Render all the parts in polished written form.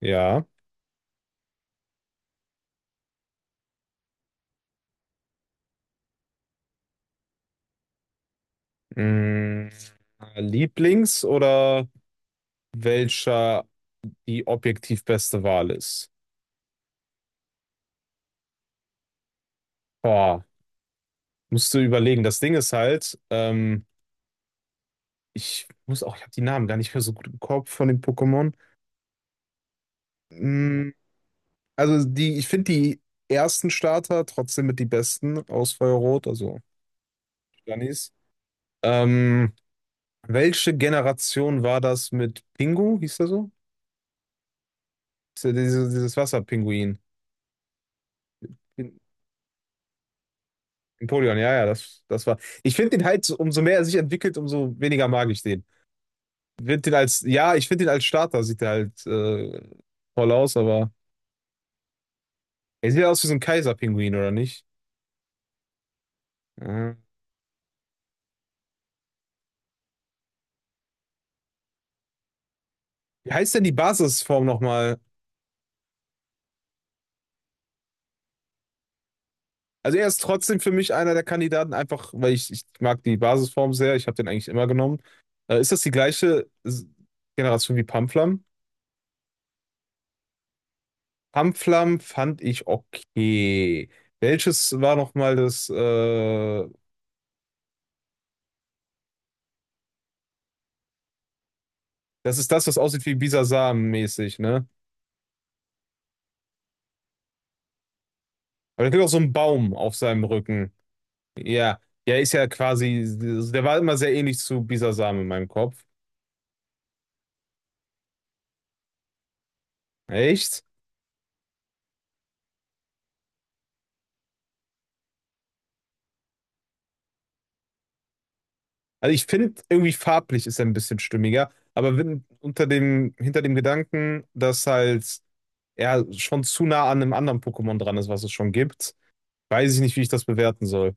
Ja. Mm, Lieblings oder welcher die objektiv beste Wahl ist? Boah, musst du überlegen. Das Ding ist halt, ich habe die Namen gar nicht mehr so gut im Kopf von den Pokémon. Mm, ich finde die ersten Starter trotzdem mit die besten aus Feuerrot, also Stanis. Ähm, Welche Generation war das mit Pingu? Hieß der so? Ist ja dieses Wasserpinguin. Napoleon, ja, ja, das war. Ich finde ihn halt, umso mehr er sich entwickelt, umso weniger mag ich den. Ich find ihn als, ja, ich finde ihn als Starter, sieht er halt toll aus, aber er sieht aus wie so ein Kaiserpinguin, oder nicht? Mhm. Wie heißt denn die Basisform nochmal? Also er ist trotzdem für mich einer der Kandidaten, einfach weil ich mag die Basisform sehr, ich habe den eigentlich immer genommen. Ist das die gleiche Generation wie Pamflam? Pamflam fand ich okay. Welches war nochmal das das ist das, was aussieht wie Bisasam mäßig, ne? Aber da gibt auch so einen Baum auf seinem Rücken. Ja, ja, ist ja quasi, der war immer sehr ähnlich zu Bisasam in meinem Kopf. Echt? Also ich finde, irgendwie farblich ist er ein bisschen stimmiger, aber wenn, hinter dem Gedanken, dass halt er schon zu nah an einem anderen Pokémon dran ist, was es schon gibt, weiß ich nicht, wie ich das bewerten soll.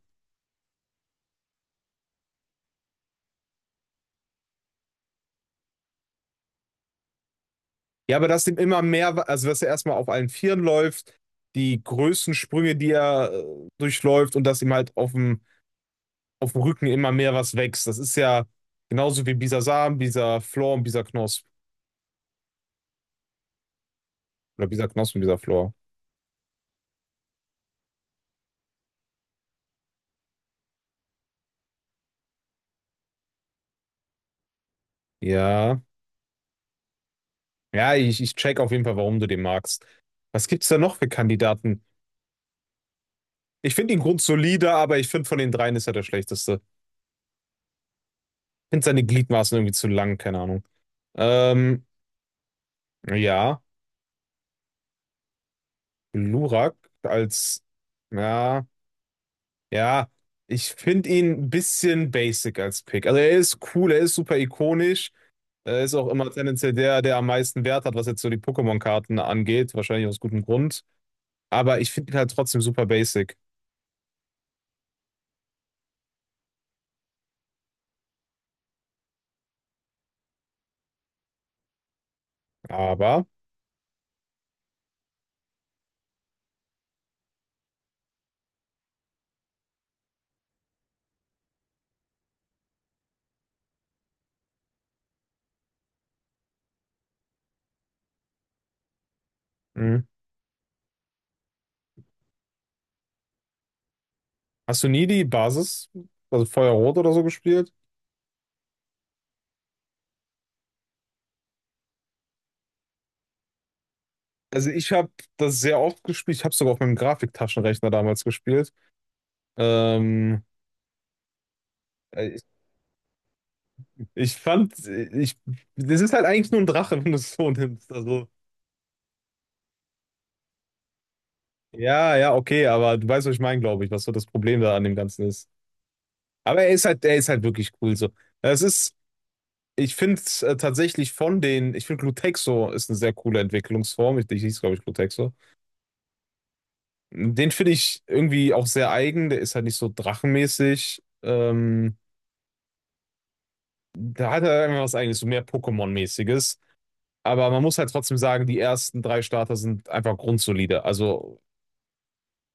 Ja, aber dass dem immer mehr, also dass er erstmal auf allen Vieren läuft, die Größensprünge, die er durchläuft und dass ihm halt auf dem Rücken immer mehr was wächst. Das ist ja genauso wie Bisa Samen, Bisa Flor und Bisa Knosp. Oder Bisa Knosp und Bisa Flor. Ja. Ja, ich check auf jeden Fall, warum du den magst. Was gibt's da noch für Kandidaten? Ich finde ihn grundsolide, aber ich finde von den dreien ist er der schlechteste. Ich finde seine Gliedmaßen irgendwie zu lang, keine Ahnung. Ähm, ja, Lurak als, ja, ja, ich finde ihn ein bisschen basic als Pick. Also er ist cool, er ist super ikonisch. Ist auch immer tendenziell der am meisten Wert hat, was jetzt so die Pokémon-Karten angeht. Wahrscheinlich aus gutem Grund. Aber ich finde ihn halt trotzdem super basic. Aber, mh. Hast du nie die Basis, also Feuerrot oder so gespielt? Also ich habe das sehr oft gespielt. Ich habe sogar auf meinem Grafiktaschenrechner damals gespielt. Ähm, ich, ich fand, das ist halt eigentlich nur ein Drache, wenn du es so nimmst. Also, ja, ja, okay, aber du weißt, was ich meine, glaube ich, was so das Problem da an dem Ganzen ist. Aber er ist halt wirklich cool so. Es ist. Ich finde es tatsächlich von den, ich finde Glutexo ist eine sehr coole Entwicklungsform. Ich, die hieß, glaube ich, Glutexo. Den finde ich irgendwie auch sehr eigen. Der ist halt nicht so drachenmäßig. Da hat er einfach was eigenes, so mehr Pokémon-mäßiges. Aber man muss halt trotzdem sagen, die ersten drei Starter sind einfach grundsolide. Also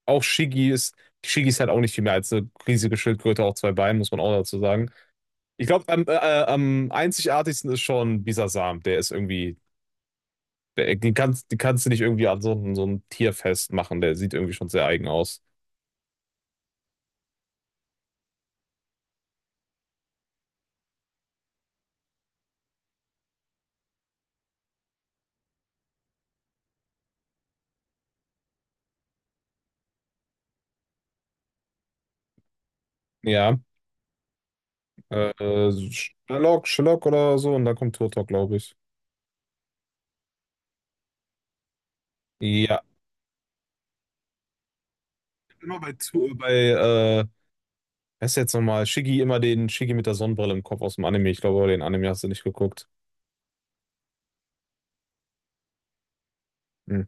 auch Shiggy ist halt auch nicht viel mehr als eine riesige Schildkröte auf zwei Beinen, muss man auch dazu sagen. Ich glaube, am einzigartigsten ist schon Bisasam. Der ist irgendwie. Die kannst du nicht irgendwie an so ein Tier festmachen. Der sieht irgendwie schon sehr eigen aus. Ja, äh, äh, Sherlock, Sherlock oder so. Und dann kommt Turtok, glaube ich. Ja, immer bei, wer ist jetzt nochmal? Shiggy, immer den Shiggy mit der Sonnenbrille im Kopf aus dem Anime. Ich glaube, den Anime hast du nicht geguckt. Hm.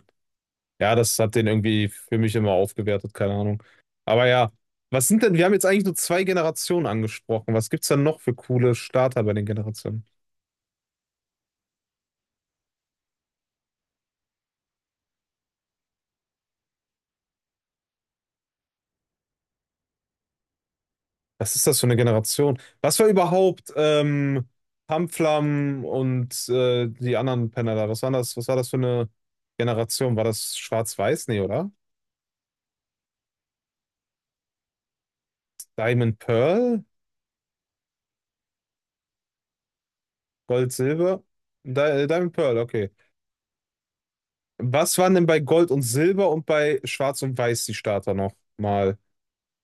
Ja, das hat den irgendwie für mich immer aufgewertet, keine Ahnung. Aber ja, was sind denn, wir haben jetzt eigentlich nur zwei Generationen angesprochen. Was gibt's denn noch für coole Starter bei den Generationen? Was ist das für eine Generation? Was war überhaupt Tamflam und die anderen Penner da? Was war das für eine Generation? War das Schwarz-Weiß? Nee, oder? Diamond Pearl? Gold, Silber? Di Diamond Pearl, okay. Was waren denn bei Gold und Silber und bei Schwarz und Weiß die Starter noch mal?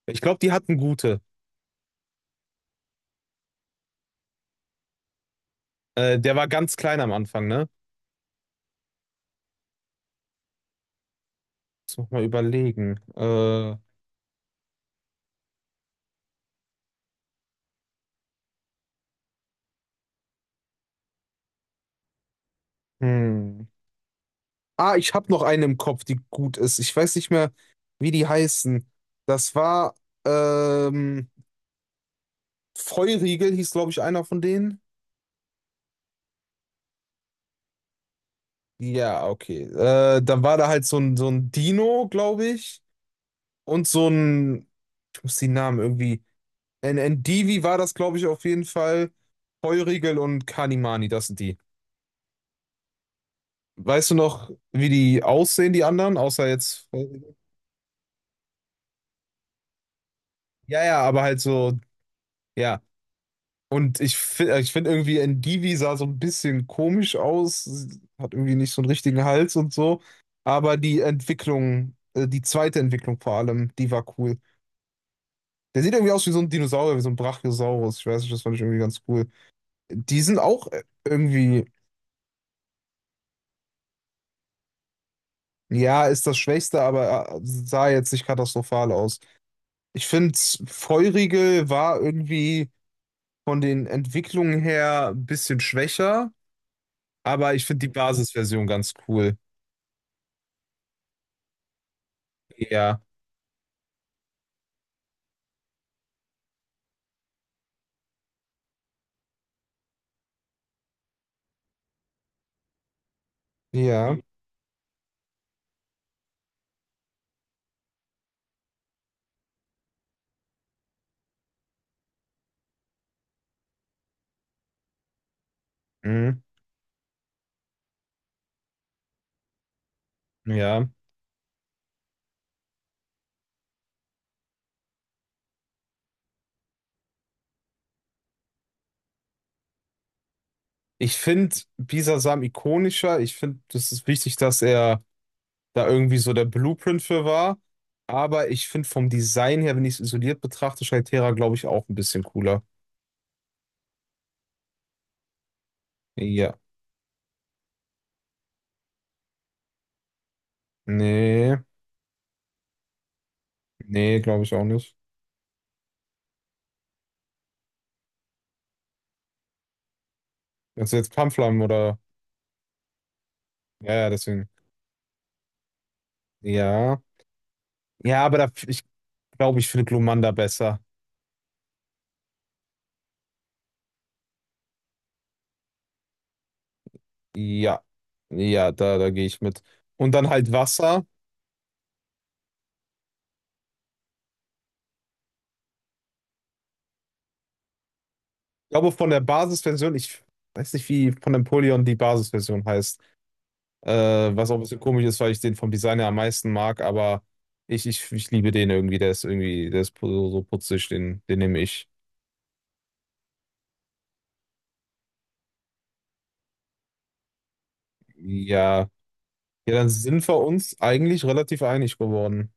Ich glaube, die hatten gute. Der war ganz klein am Anfang, ne? Muss noch mal überlegen. Hm. Ah, ich habe noch eine im Kopf, die gut ist. Ich weiß nicht mehr, wie die heißen. Das war, ähm, Feurigel hieß, glaube ich, einer von denen. Ja, okay. Dann war da halt so ein Dino, glaube ich. Und so ein, ich muss die Namen irgendwie. Ein war das, glaube ich, auf jeden Fall. Feurigel und Kanimani, das sind die. Weißt du noch, wie die aussehen, die anderen? Außer jetzt. Ja, ja, aber halt so. Ja. Und ich finde irgendwie, Ndivi sah so ein bisschen komisch aus, sie hat irgendwie nicht so einen richtigen Hals und so. Aber die zweite Entwicklung vor allem, die war cool. Der sieht irgendwie aus wie so ein Dinosaurier, wie so ein Brachiosaurus. Ich weiß nicht, das fand ich irgendwie ganz cool. Die sind auch irgendwie, ja, ist das Schwächste, aber sah jetzt nicht katastrophal aus. Ich finde, Feurigel war irgendwie von den Entwicklungen her ein bisschen schwächer, aber ich finde die Basisversion ganz cool. Ja. Ja, mhm, ja. Ich finde Bisasam ikonischer. Ich finde, das ist wichtig, dass er da irgendwie so der Blueprint für war. Aber ich finde vom Design her, wenn ich es isoliert betrachte, Shaitera, glaube ich, auch ein bisschen cooler. Ja. Nee, nee, glaube ich auch nicht. Also jetzt Pamflam oder. Ja, ja, deswegen. Ja. Ja, aber da, ich glaube, ich finde Glumanda besser. Ja. Ja, da, da gehe ich mit. Und dann halt Wasser. Ich glaube, von der Basisversion, ich weiß nicht, wie von Napoleon die Basisversion heißt. Äh, was auch ein bisschen komisch ist, weil ich den vom Design her am meisten mag, aber ich liebe den irgendwie. Der ist irgendwie, der ist so so putzig, den nehme ich. Ja. Ja, dann sind wir uns eigentlich relativ einig geworden.